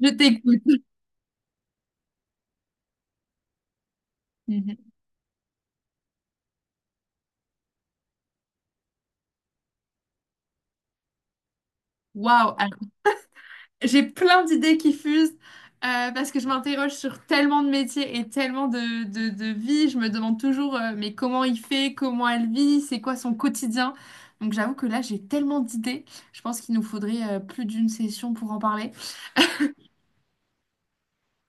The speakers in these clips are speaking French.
Je t'écoute. Mhm. Waouh! Alors, j'ai plein d'idées qui fusent parce que je m'interroge sur tellement de métiers et tellement de vies. Je me demande toujours mais comment il fait, comment elle vit, c'est quoi son quotidien. Donc j'avoue que là, j'ai tellement d'idées. Je pense qu'il nous faudrait plus d'une session pour en parler.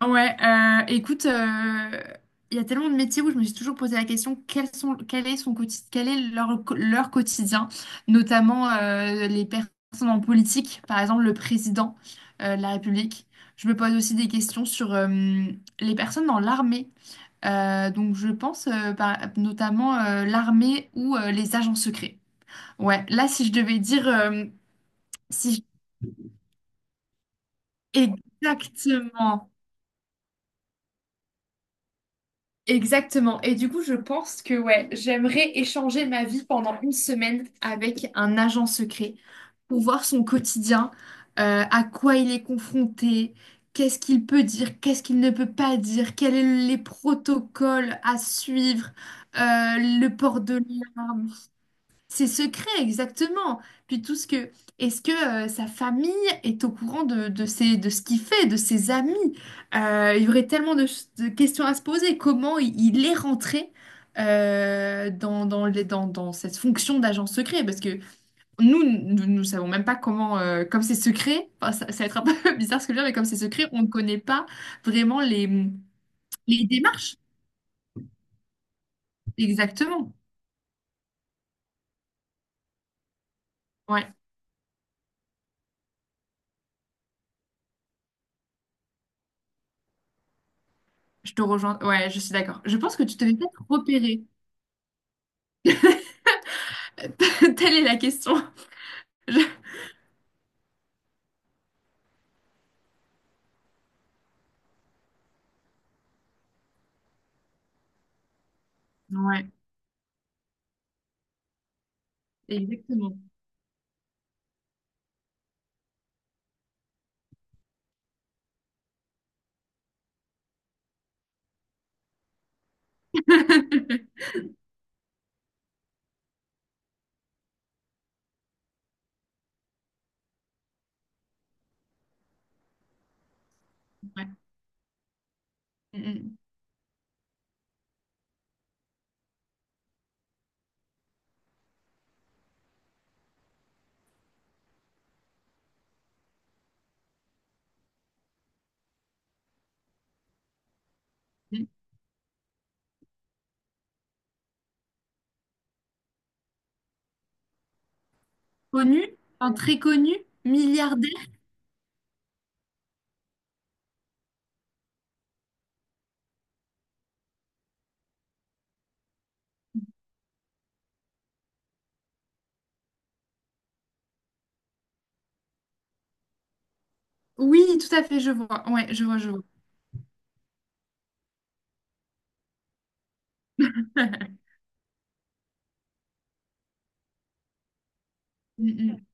Ouais, écoute, il y a tellement de métiers où je me suis toujours posé la question, quels sont, quel est son quotidien, quel est leur quotidien, notamment les personnes en politique, par exemple le président de la République. Je me pose aussi des questions sur les personnes dans l'armée. Donc je pense notamment l'armée ou les agents secrets. Ouais, là si je devais dire, si je- exactement. Exactement. Et du coup, je pense que ouais, j'aimerais échanger ma vie pendant une semaine avec un agent secret pour voir son quotidien, à quoi il est confronté, qu'est-ce qu'il peut dire, qu'est-ce qu'il ne peut pas dire, quels sont les protocoles à suivre, le port de l'arme. Ses secrets, exactement. Puis tout ce que... Est-ce que sa famille est au courant de ce qu'il fait, de ses amis? Il y aurait tellement de questions à se poser. Comment il est rentré dans cette fonction d'agent secret? Parce que nous ne savons même pas comment... comme c'est secret, enfin, ça va être un peu bizarre ce que je veux dire, mais comme c'est secret, on ne connaît pas vraiment les démarches. Exactement. Ouais, je te rejoins. Ouais, je suis d'accord. Je pense que tu te devais peut-être repérer. Telle est la question. Je- Ouais, exactement. Ouais. Mm, mm. Mm. Connu, enfin, très connu, milliardaire. Oui, tout à fait, je vois. Ouais, je vois, je vois. Mm,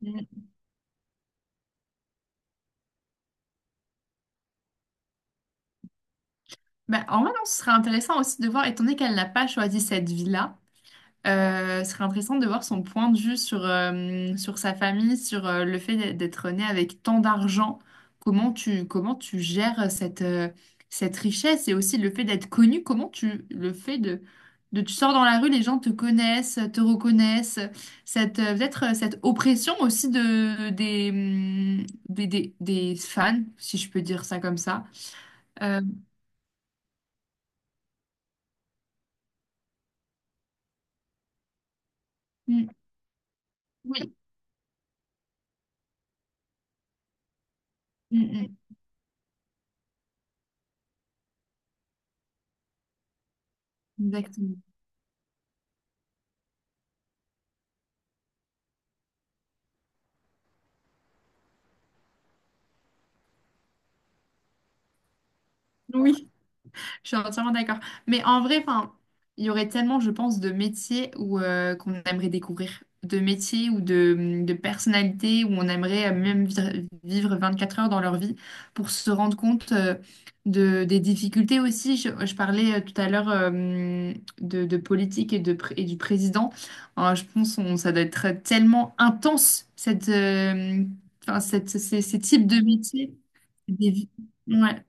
mm, mm. Bah, en vrai, non, ce serait intéressant aussi de voir, étant donné qu'elle n'a pas choisi cette vie-là. Ce serait intéressant de voir son point de vue sur, sur sa famille, sur le fait d'être né avec tant d'argent. Comment tu gères cette, cette richesse et aussi le fait d'être connu. Comment tu le fait de tu sors dans la rue, les gens te connaissent, te reconnaissent. Cette, peut-être cette oppression aussi de, des fans, si je peux dire ça comme ça. Euh, mm, oui, mm, mm, exactement. Je suis entièrement d'accord. Mais en vrai, enfin, il y aurait tellement, je pense, de métiers où qu'on aimerait découvrir, de métiers ou de personnalités où on aimerait même vivre 4 heures dans leur vie pour se rendre compte de, des difficultés aussi. Je parlais tout à l'heure de politique et, et du président. Hein, je pense on, ça doit être tellement intense, cette, enfin, ces types de métiers. Des... vies- Ouais.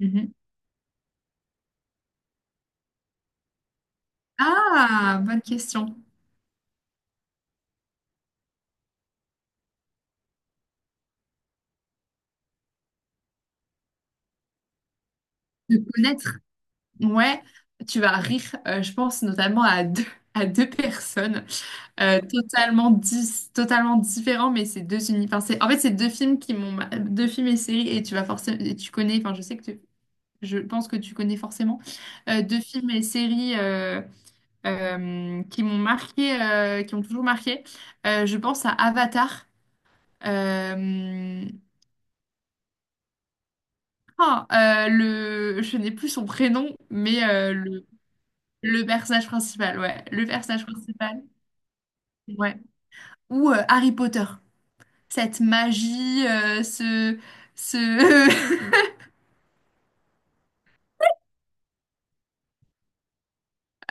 Mm-hmm. Ah, bonne question. De connaître. Ouais, tu vas rire, je pense notamment à deux personnes totalement différents, mais c'est enfin, en fait, c'est deux films deux films et séries, et tu vas forcément, et tu connais, enfin, je sais que je pense que tu connais forcément deux films et séries qui m'ont marqué, qui m'ont toujours marqué. Je pense à Avatar. euh, ah, le... je n'ai plus son prénom, mais le... le personnage principal, ouais. Le personnage principal, ouais. Ou Harry Potter. Cette magie, ce... ce...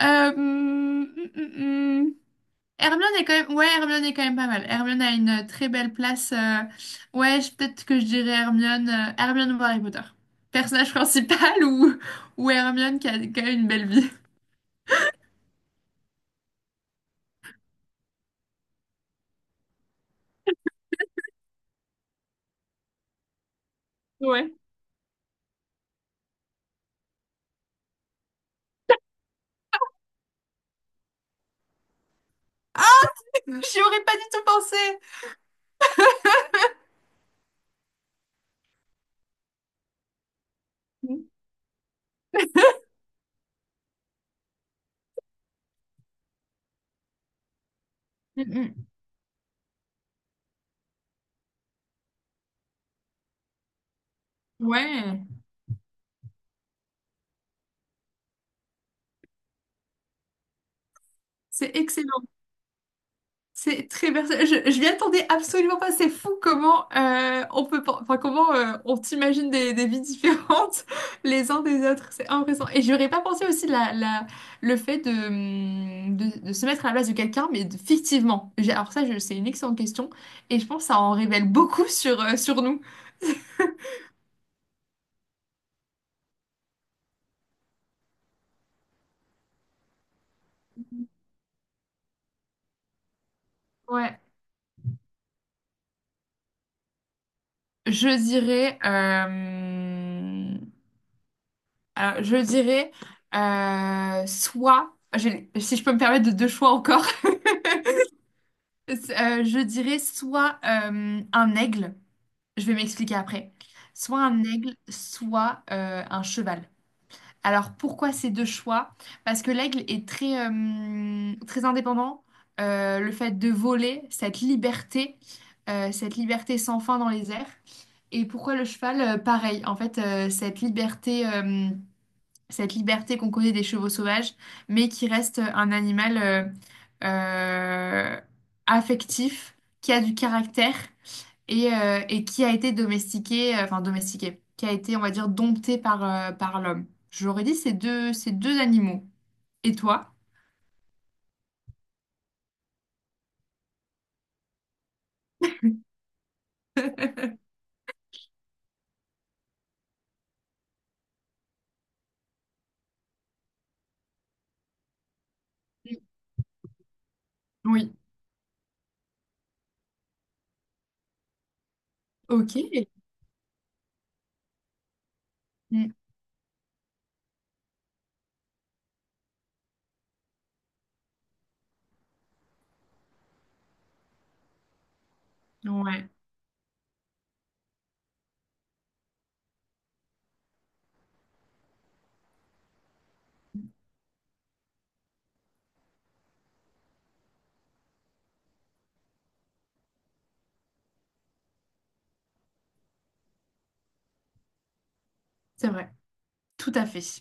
Euh, hum, hum, hum. Hermione est quand même... Ouais, Hermione est quand même pas mal. Hermione a une très belle place. Ouais, peut-être que je dirais Hermione... Hermione ou Harry Potter. Personnage principal ou Hermione qui a quand même une belle vie. Ouais. J'y aurais pas du tout pensé. Mm. Mm, mm. Ouais, c'est excellent. C'est très personnel. Je m'y attendais absolument pas. C'est fou comment on peut, enfin comment on t'imagine des vies différentes les uns des autres. C'est impressionnant. Et j'aurais pas pensé aussi la, la, le fait de, de se mettre à la place de quelqu'un, mais fictivement. Alors ça, c'est une excellente question. Et je pense que ça en révèle beaucoup sur sur nous. Ouais. Je dirais, alors je dirais soit, si je peux me permettre de deux choix encore. Je dirais soit un aigle, je vais m'expliquer après, soit un aigle, soit un cheval. Alors pourquoi ces deux choix? Parce que l'aigle est très, très indépendant. Le fait de voler, cette liberté sans fin dans les airs. Et pourquoi le cheval? Pareil, en fait, cette liberté. Cette liberté qu'on connaît des chevaux sauvages, mais qui reste un animal euh, affectif, qui a du caractère et qui a été domestiqué, enfin domestiqué, qui a été, on va dire, dompté par, par l'homme. J'aurais dit ces deux animaux. Et toi? Oui. Ok. Mm. Ouais, c'est vrai. Tout à fait.